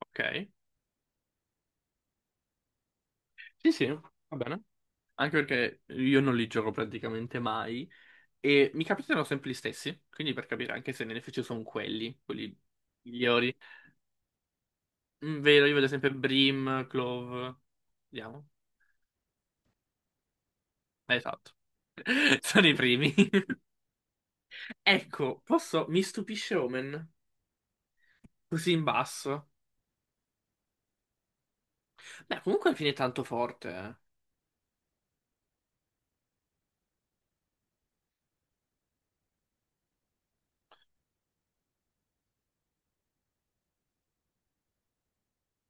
Ok. Sì, sì, va bene. Anche perché io non li gioco praticamente mai e mi capitano sempre gli stessi, quindi per capire anche se NFC sono quelli migliori. Vero, io vedo sempre Brim, Clove, vediamo. Esatto. Sono i primi. Ecco, posso... Mi stupisce Omen, così in basso. Beh, comunque alla fine è tanto forte, eh.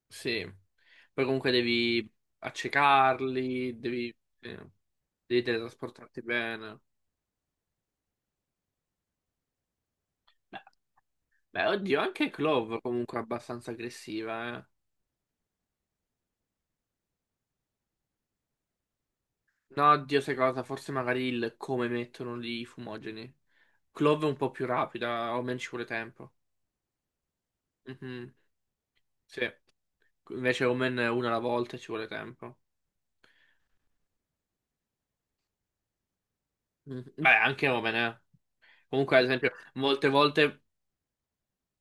Sì. Poi comunque devi accecarli, devi... Sì, devi teletrasportarti bene. Beh, Beh, oddio, anche Clove comunque è abbastanza aggressiva, eh. No, oddio, sai cosa? Forse magari il come mettono lì i fumogeni. Clove è un po' più rapida, Omen ci vuole tempo. Mhm, sì. Invece Omen è una alla volta e ci vuole tempo. Mhm. Beh, anche Omen, eh. Comunque, ad esempio, molte volte...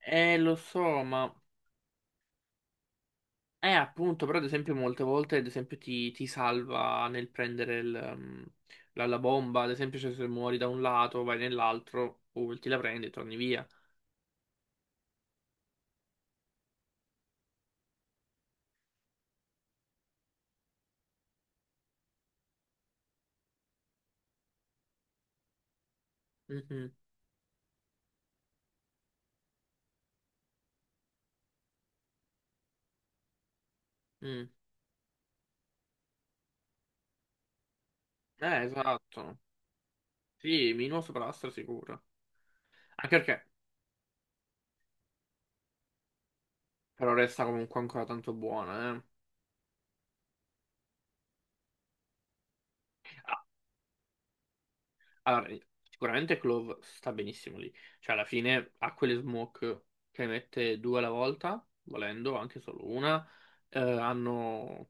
Lo so, ma... appunto, però ad esempio molte volte, ad esempio, ti salva nel prendere la bomba. Ad esempio, cioè, se muori da un lato, vai nell'altro, ulti la prendi e torni via. Mhm. Mm. Esatto. Sì, minimo sopra la sicuro. Anche perché però resta comunque ancora tanto buona, eh. Ah, allora, sicuramente Clove sta benissimo lì. Cioè, alla fine ha quelle smoke che mette due alla volta, volendo, anche solo una. Hanno...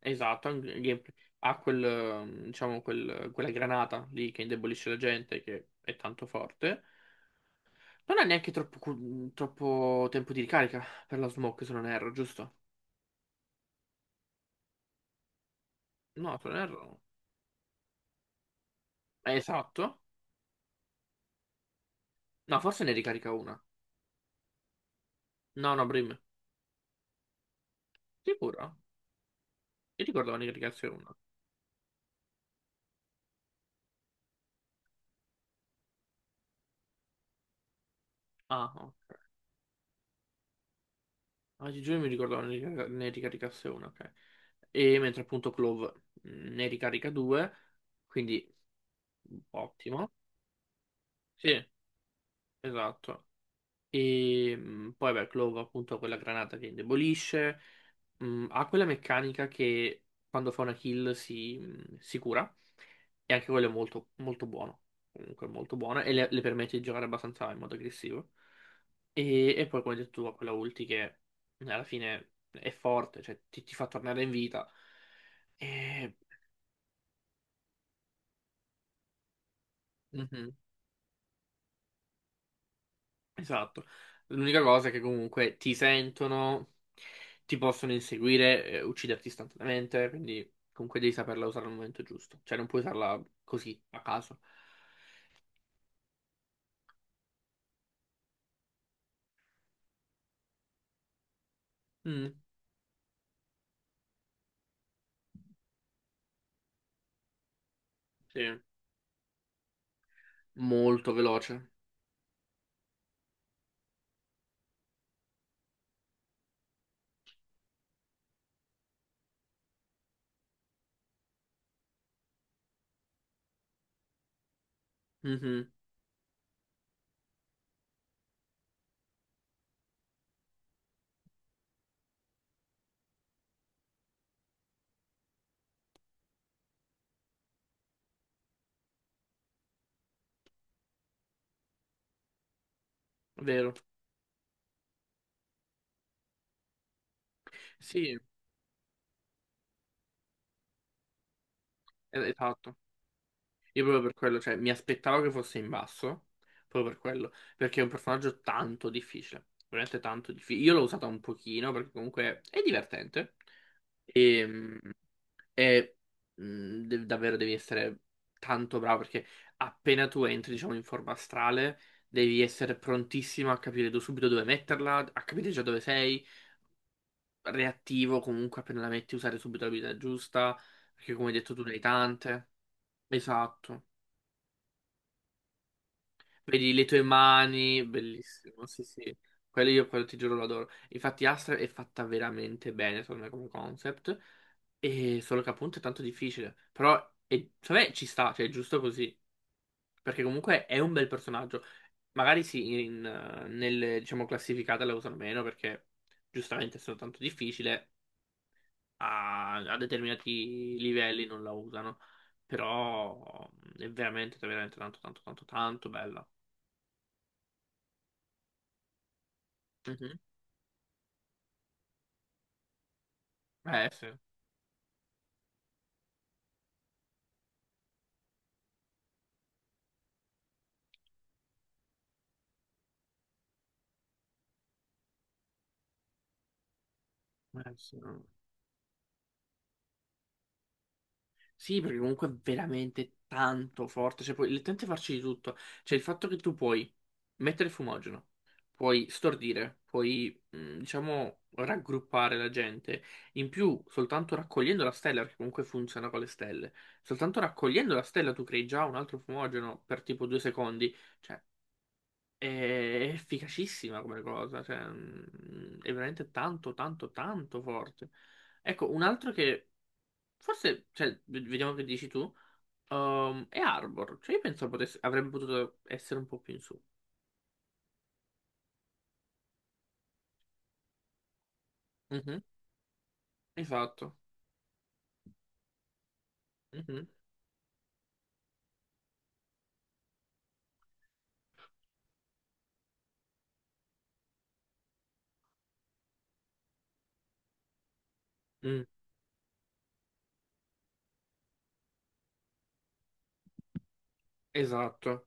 Esatto, ha un ha diciamo, quella granata lì che indebolisce la gente, che è tanto forte. Non ha neanche troppo tempo di ricarica per la smoke, se non erro, giusto? No, Tonnerro no. Esatto. No, forse ne ricarica una. No, no, Brim. Sicuro? Io ricordavo ne caricasse una. Ah, ok. Oggi giugno mi ricordavo ne ricaricasse una, ok. E mentre appunto Clove ne ricarica due, quindi ottimo. Sì, esatto. E poi, beh, Clove appunto ha quella granata che indebolisce, ha quella meccanica che quando fa una kill si cura, e anche quello è molto, molto buono, comunque molto buono, e le permette di giocare abbastanza in modo aggressivo. E poi, come hai detto tu, ha quella ulti che alla fine è forte, cioè ti fa tornare in vita. E... Mhm. Esatto. L'unica cosa è che comunque ti sentono, ti possono inseguire, ucciderti istantaneamente, quindi comunque devi saperla usare al momento giusto. Cioè non puoi usarla così, a caso. Mm, sì, molto veloce. Mhm, vero. Sì, esatto. Io proprio per quello, cioè mi aspettavo che fosse in basso, proprio per quello, perché è un personaggio tanto difficile, veramente tanto difficile. Io l'ho usata un pochino perché comunque è divertente. Ehm, E davvero devi essere tanto bravo perché appena tu entri, diciamo, in forma astrale, devi essere prontissimo a capire subito dove metterla, a capire già dove sei, reattivo comunque appena la metti, usare subito l'abilità giusta, perché come hai detto tu ne hai tante. Esatto. Vedi le tue mani, bellissimo, sì sì. Quello io, quello ti giuro, lo adoro. Infatti Astra è fatta veramente bene, secondo me, come concept. E solo che appunto è tanto difficile. Però, secondo me ci sta, cioè è giusto così. Perché comunque è un bel personaggio. Magari sì, nelle, diciamo, classificate la usano meno perché giustamente sono tanto difficile, a determinati livelli non la usano. Però è veramente, veramente tanto, tanto, tanto, tanto bella. Mhm. Eh sì, eh sì. No. Sì, perché comunque è veramente tanto forte, cioè puoi letteralmente farci di tutto. Cioè il fatto che tu puoi mettere fumogeno, puoi stordire, diciamo, raggruppare la gente. In più, soltanto raccogliendo la stella, perché comunque funziona con le stelle, soltanto raccogliendo la stella tu crei già un altro fumogeno per tipo due secondi. Cioè, è efficacissima come cosa, è veramente tanto, tanto, tanto forte. Ecco, un altro che... Forse, cioè, vediamo che dici tu. E Arbor, cioè io penso avrebbe potuto essere un po' più in su. Mhm, esatto. Mhm, mm, esatto.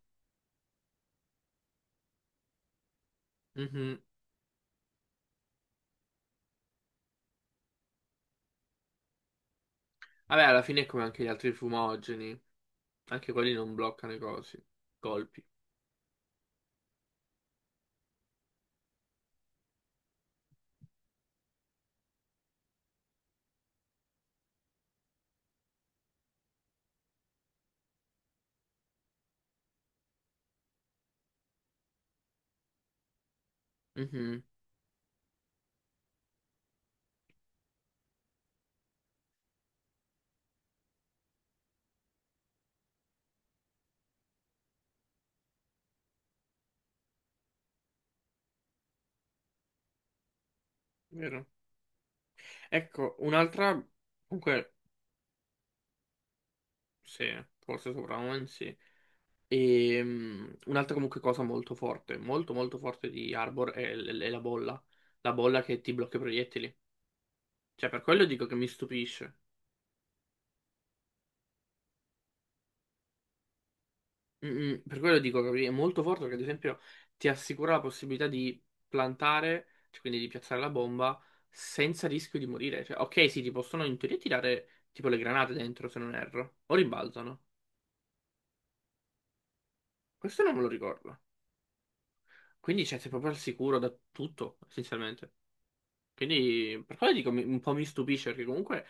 Mhm. Vabbè, alla fine è come anche gli altri fumogeni, anche quelli non bloccano i colpi. Mhm, vero. Ecco, un'altra, comunque, sì, forse sopravvento, sì. Un'altra comunque cosa molto forte, molto molto forte di Arbor è la bolla. La bolla che ti blocca i proiettili. Cioè, per quello dico che mi stupisce. Per quello dico che è molto forte perché ad esempio ti assicura la possibilità di plantare, cioè quindi di piazzare la bomba senza rischio di morire. Cioè, ok, sì, ti possono in teoria tirare tipo le granate dentro, se non erro, o rimbalzano. Questo non me lo ricordo. Quindi cioè, sei proprio al sicuro da tutto, essenzialmente. Quindi per quello dico un po' mi stupisce perché comunque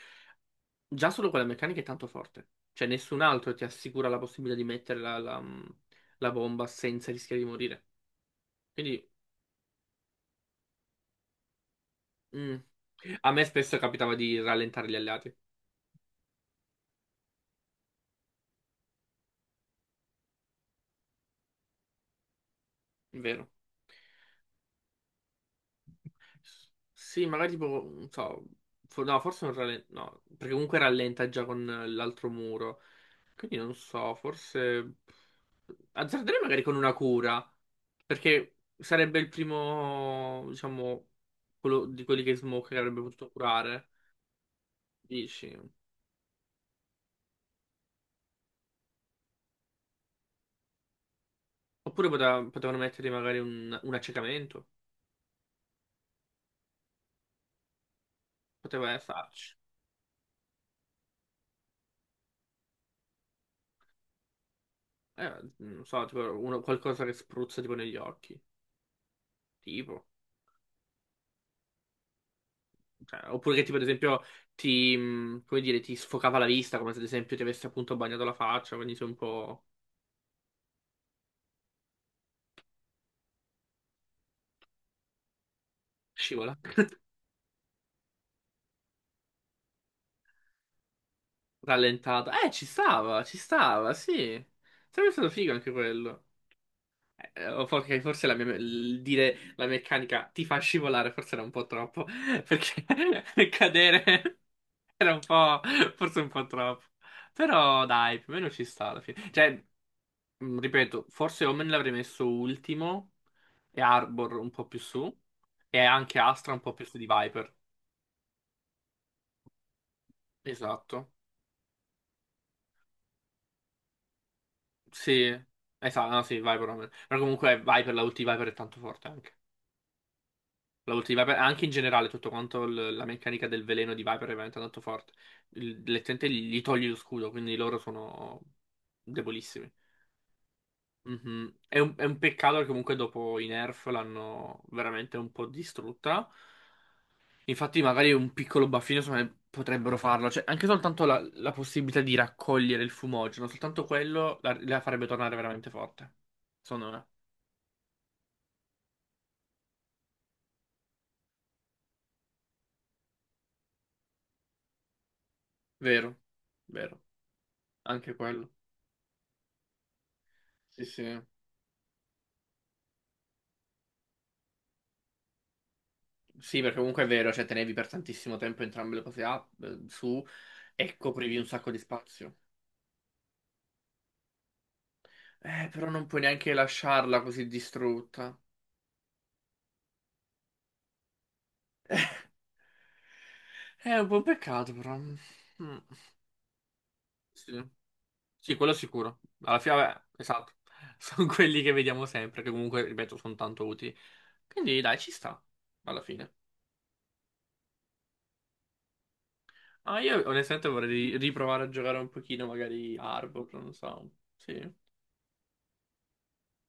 già solo quella meccanica è tanto forte. Cioè nessun altro ti assicura la possibilità di mettere la bomba senza rischiare di morire. Quindi mm. A me spesso capitava di rallentare gli alleati, vero? Sì, magari tipo, non so, no, forse non rallenta, no, perché comunque rallenta già con l'altro muro. Quindi non so, forse azzarderei magari con una cura, perché sarebbe il primo, diciamo, quello di quelli che Smoke che avrebbe potuto curare, dici? Oppure potevano mettere magari un accecamento, poteva starci. Non so, tipo qualcosa che spruzza tipo negli occhi, tipo. Cioè, oppure che tipo ad esempio come dire, ti sfocava la vista, come se ad esempio ti avesse appunto bagnato la faccia, quindi sei un po' scivola, rallentato. Ci stava, sì. Sarebbe stato figo anche quello. O forse il dire la meccanica ti fa scivolare, forse era un po' troppo, perché cadere era un po', forse un po' troppo. Però dai, più o meno ci sta alla fine. Cioè, ripeto, forse Omen l'avrei messo ultimo e Arbor un po' più su e anche Astra un po' più su di Viper. Esatto. Sì, esatto, no, sì, Viper Omen. Però comunque Viper, la ulti di Viper è tanto forte anche. La ulti di Viper, anche in generale tutto quanto la meccanica del veleno di Viper è veramente tanto forte. Letteralmente gli togli lo scudo, quindi loro sono debolissimi. Mhm. È un peccato che comunque dopo i nerf l'hanno veramente un po' distrutta. Infatti, magari un piccolo baffino secondo me, potrebbero farlo. Cioè, anche soltanto la possibilità di raccogliere il fumogeno, soltanto quello la farebbe tornare veramente forte. Secondo me. Vero, vero. Anche quello. Sì, sì. Sì, perché comunque è vero, cioè tenevi per tantissimo tempo entrambe le cose su e coprivi un sacco di spazio. Però non puoi neanche lasciarla così distrutta. È un po' un peccato, però. Mm, sì. Sì, quello sicuro. Alla fine, vabbè, esatto. Sono quelli che vediamo sempre, che comunque, ripeto, sono tanto utili. Quindi, dai, ci sta. Alla fine. Ah, io onestamente vorrei riprovare a giocare un pochino, magari Arbor, non so. Sì.